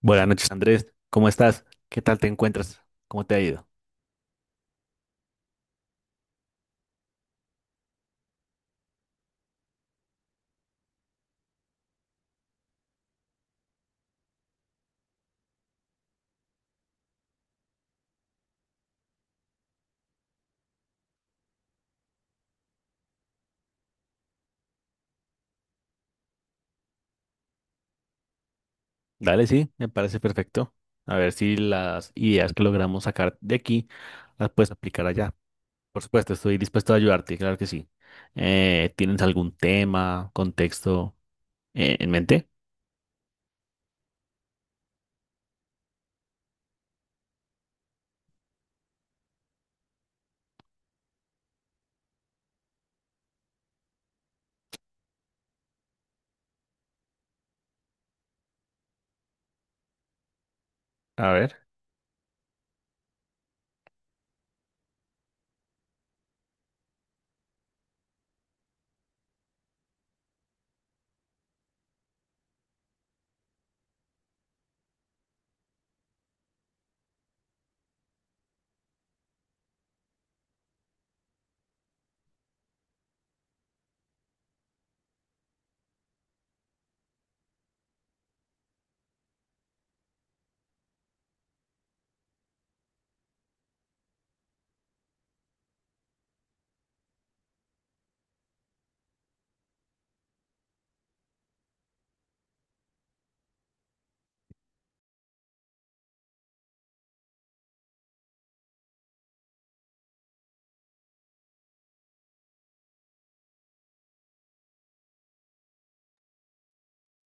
Buenas noches, Andrés. ¿Cómo estás? ¿Qué tal te encuentras? ¿Cómo te ha ido? Dale, sí, me parece perfecto. A ver si las ideas que logramos sacar de aquí las puedes aplicar allá. Por supuesto, estoy dispuesto a ayudarte, claro que sí. ¿Tienes algún tema, contexto en mente? A ver,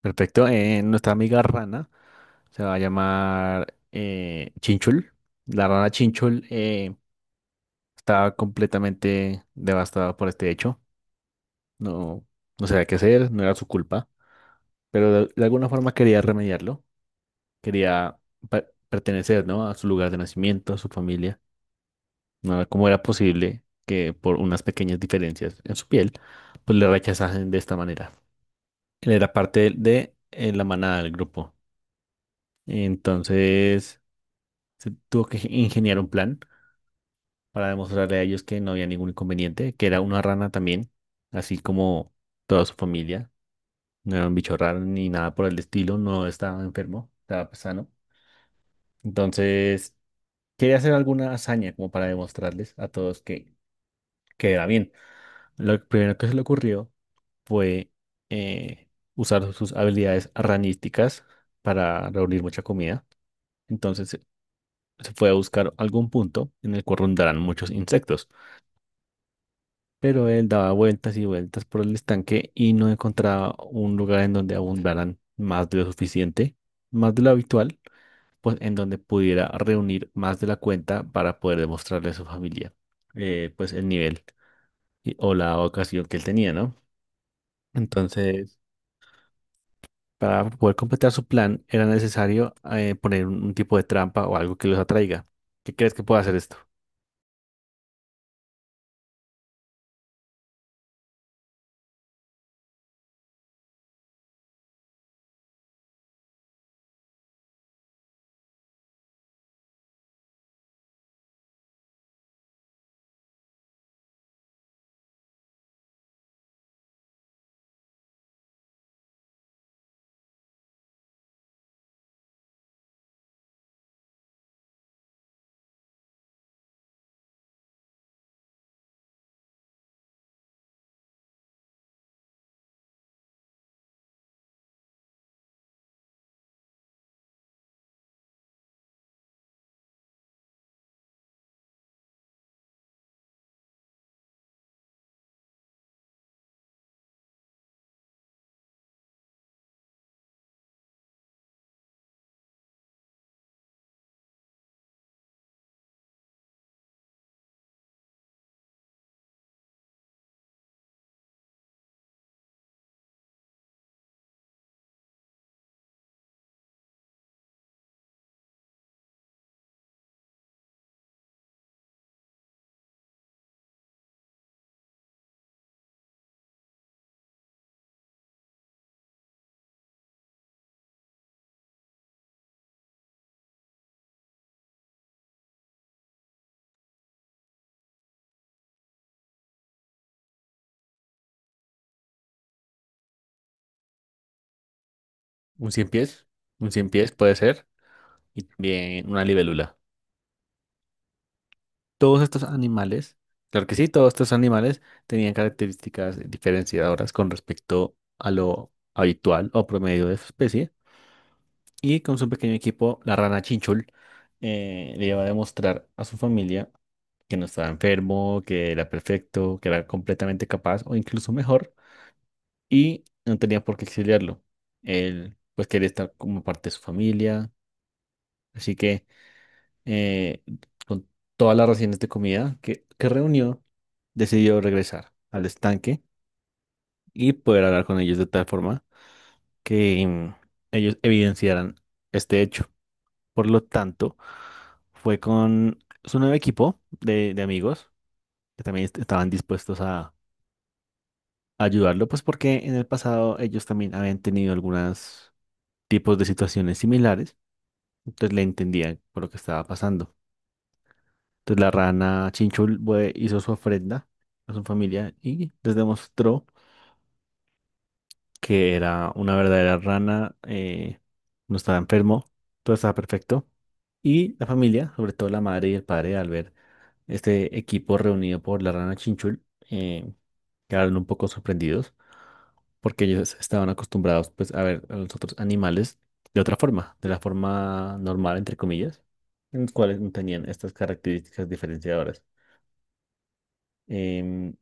perfecto. Nuestra amiga Rana se va a llamar Chinchul. La rana Chinchul está completamente devastada por este hecho. No, no sabía qué hacer, no era su culpa, pero de alguna forma quería remediarlo, quería pertenecer, ¿no? A su lugar de nacimiento, a su familia. No era- ¿Cómo era posible que por unas pequeñas diferencias en su piel pues le rechazasen de esta manera? Él era parte de la manada del grupo. Entonces se tuvo que ingeniar un plan para demostrarle a ellos que no había ningún inconveniente, que era una rana también, así como toda su familia, no era un bicho raro ni nada por el estilo, no estaba enfermo, estaba, pues, sano. Entonces, quería hacer alguna hazaña como para demostrarles a todos que era bien. Lo primero que se le ocurrió fue eh, usar sus habilidades ranísticas para reunir mucha comida. Entonces, se fue a buscar algún punto en el cual rondaran muchos insectos. Pero él daba vueltas y vueltas por el estanque y no encontraba un lugar en donde abundaran más de lo suficiente, más de lo habitual, pues en donde pudiera reunir más de la cuenta para poder demostrarle a su familia, pues el nivel o la ocasión que él tenía, ¿no? Entonces, para poder completar su plan, era necesario, poner un tipo de trampa o algo que los atraiga. ¿Qué crees que puede hacer esto? ¿Un cien pies? Un cien pies puede ser, y también una libélula. Todos estos animales, claro que sí, todos estos animales tenían características diferenciadoras con respecto a lo habitual o promedio de su especie. Y con su pequeño equipo, la rana Chinchul, le iba a demostrar a su familia que no estaba enfermo, que era perfecto, que era completamente capaz o incluso mejor, y no tenía por qué exiliarlo. Él, pues, quería estar como parte de su familia, así que, eh, con todas las raciones de comida que reunió, decidió regresar al estanque y poder hablar con ellos de tal forma que ellos evidenciaran este hecho. Por lo tanto, fue con su nuevo equipo de amigos que también estaban dispuestos a ayudarlo, pues porque en el pasado ellos también habían tenido algunos tipos de situaciones similares, entonces le entendían por lo que estaba pasando. Entonces la rana Chinchul hizo su ofrenda a su familia y les demostró que era una verdadera rana, no estaba enfermo, todo estaba perfecto. Y la familia, sobre todo la madre y el padre, al ver este equipo reunido por la rana Chinchul, eh, quedaron un poco sorprendidos porque ellos estaban acostumbrados, pues, a ver a los otros animales de otra forma, de la forma normal, entre comillas, en los cuales no tenían estas características diferenciadoras. Em,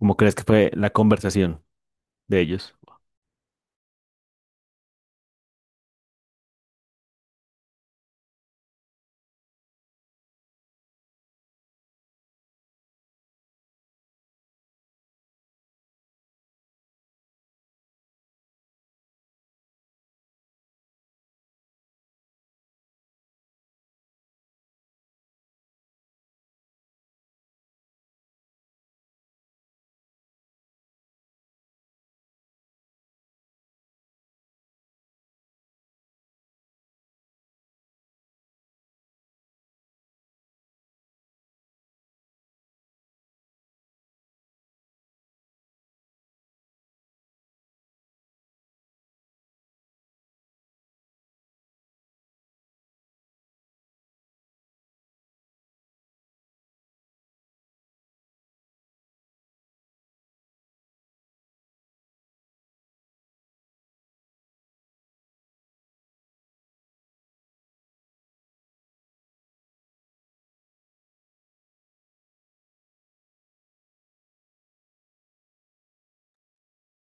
¿Cómo crees que fue la conversación de ellos?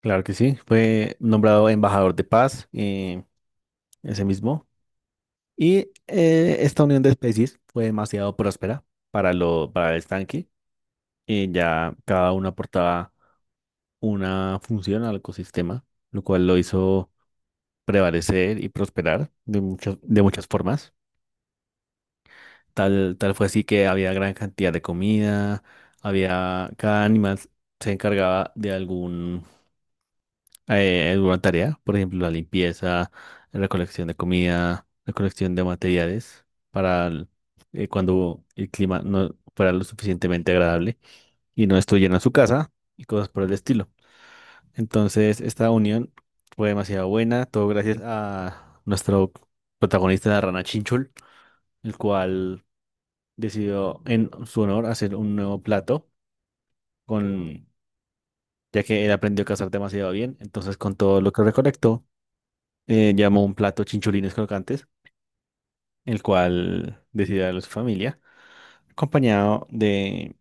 Claro que sí, fue nombrado embajador de paz, ese mismo. Y, esta unión de especies fue demasiado próspera para, lo, para el estanque, ya cada uno aportaba una función al ecosistema, lo cual lo hizo prevalecer y prosperar de muchas formas. Tal fue así que había gran cantidad de comida, había, cada animal se encargaba de algún, alguna tarea, por ejemplo, la limpieza, la recolección de comida, la recolección de materiales para el cuando el clima no fuera lo suficientemente agradable y no estuvieran en su casa y cosas por el estilo. Entonces, esta unión fue demasiado buena, todo gracias a nuestro protagonista, la rana Chinchul, el cual decidió en su honor hacer un nuevo plato, con, ya que él aprendió a cazar demasiado bien. Entonces, con todo lo que recolectó, llamó un plato chinchulines crocantes, el cual decidió darle a su familia, acompañado de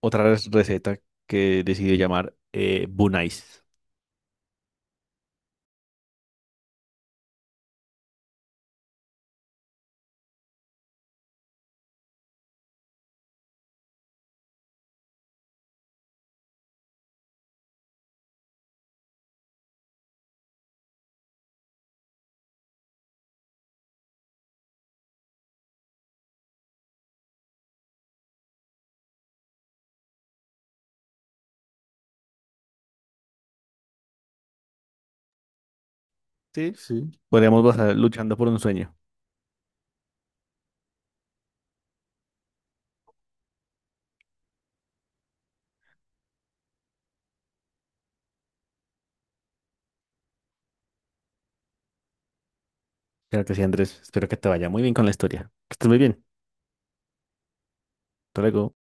otra receta que decidió llamar Bunais. Sí, sí, podríamos basar luchando por un sueño. Claro que sí, Andrés. Espero que te vaya muy bien con la historia. Que estés muy bien. Hasta luego.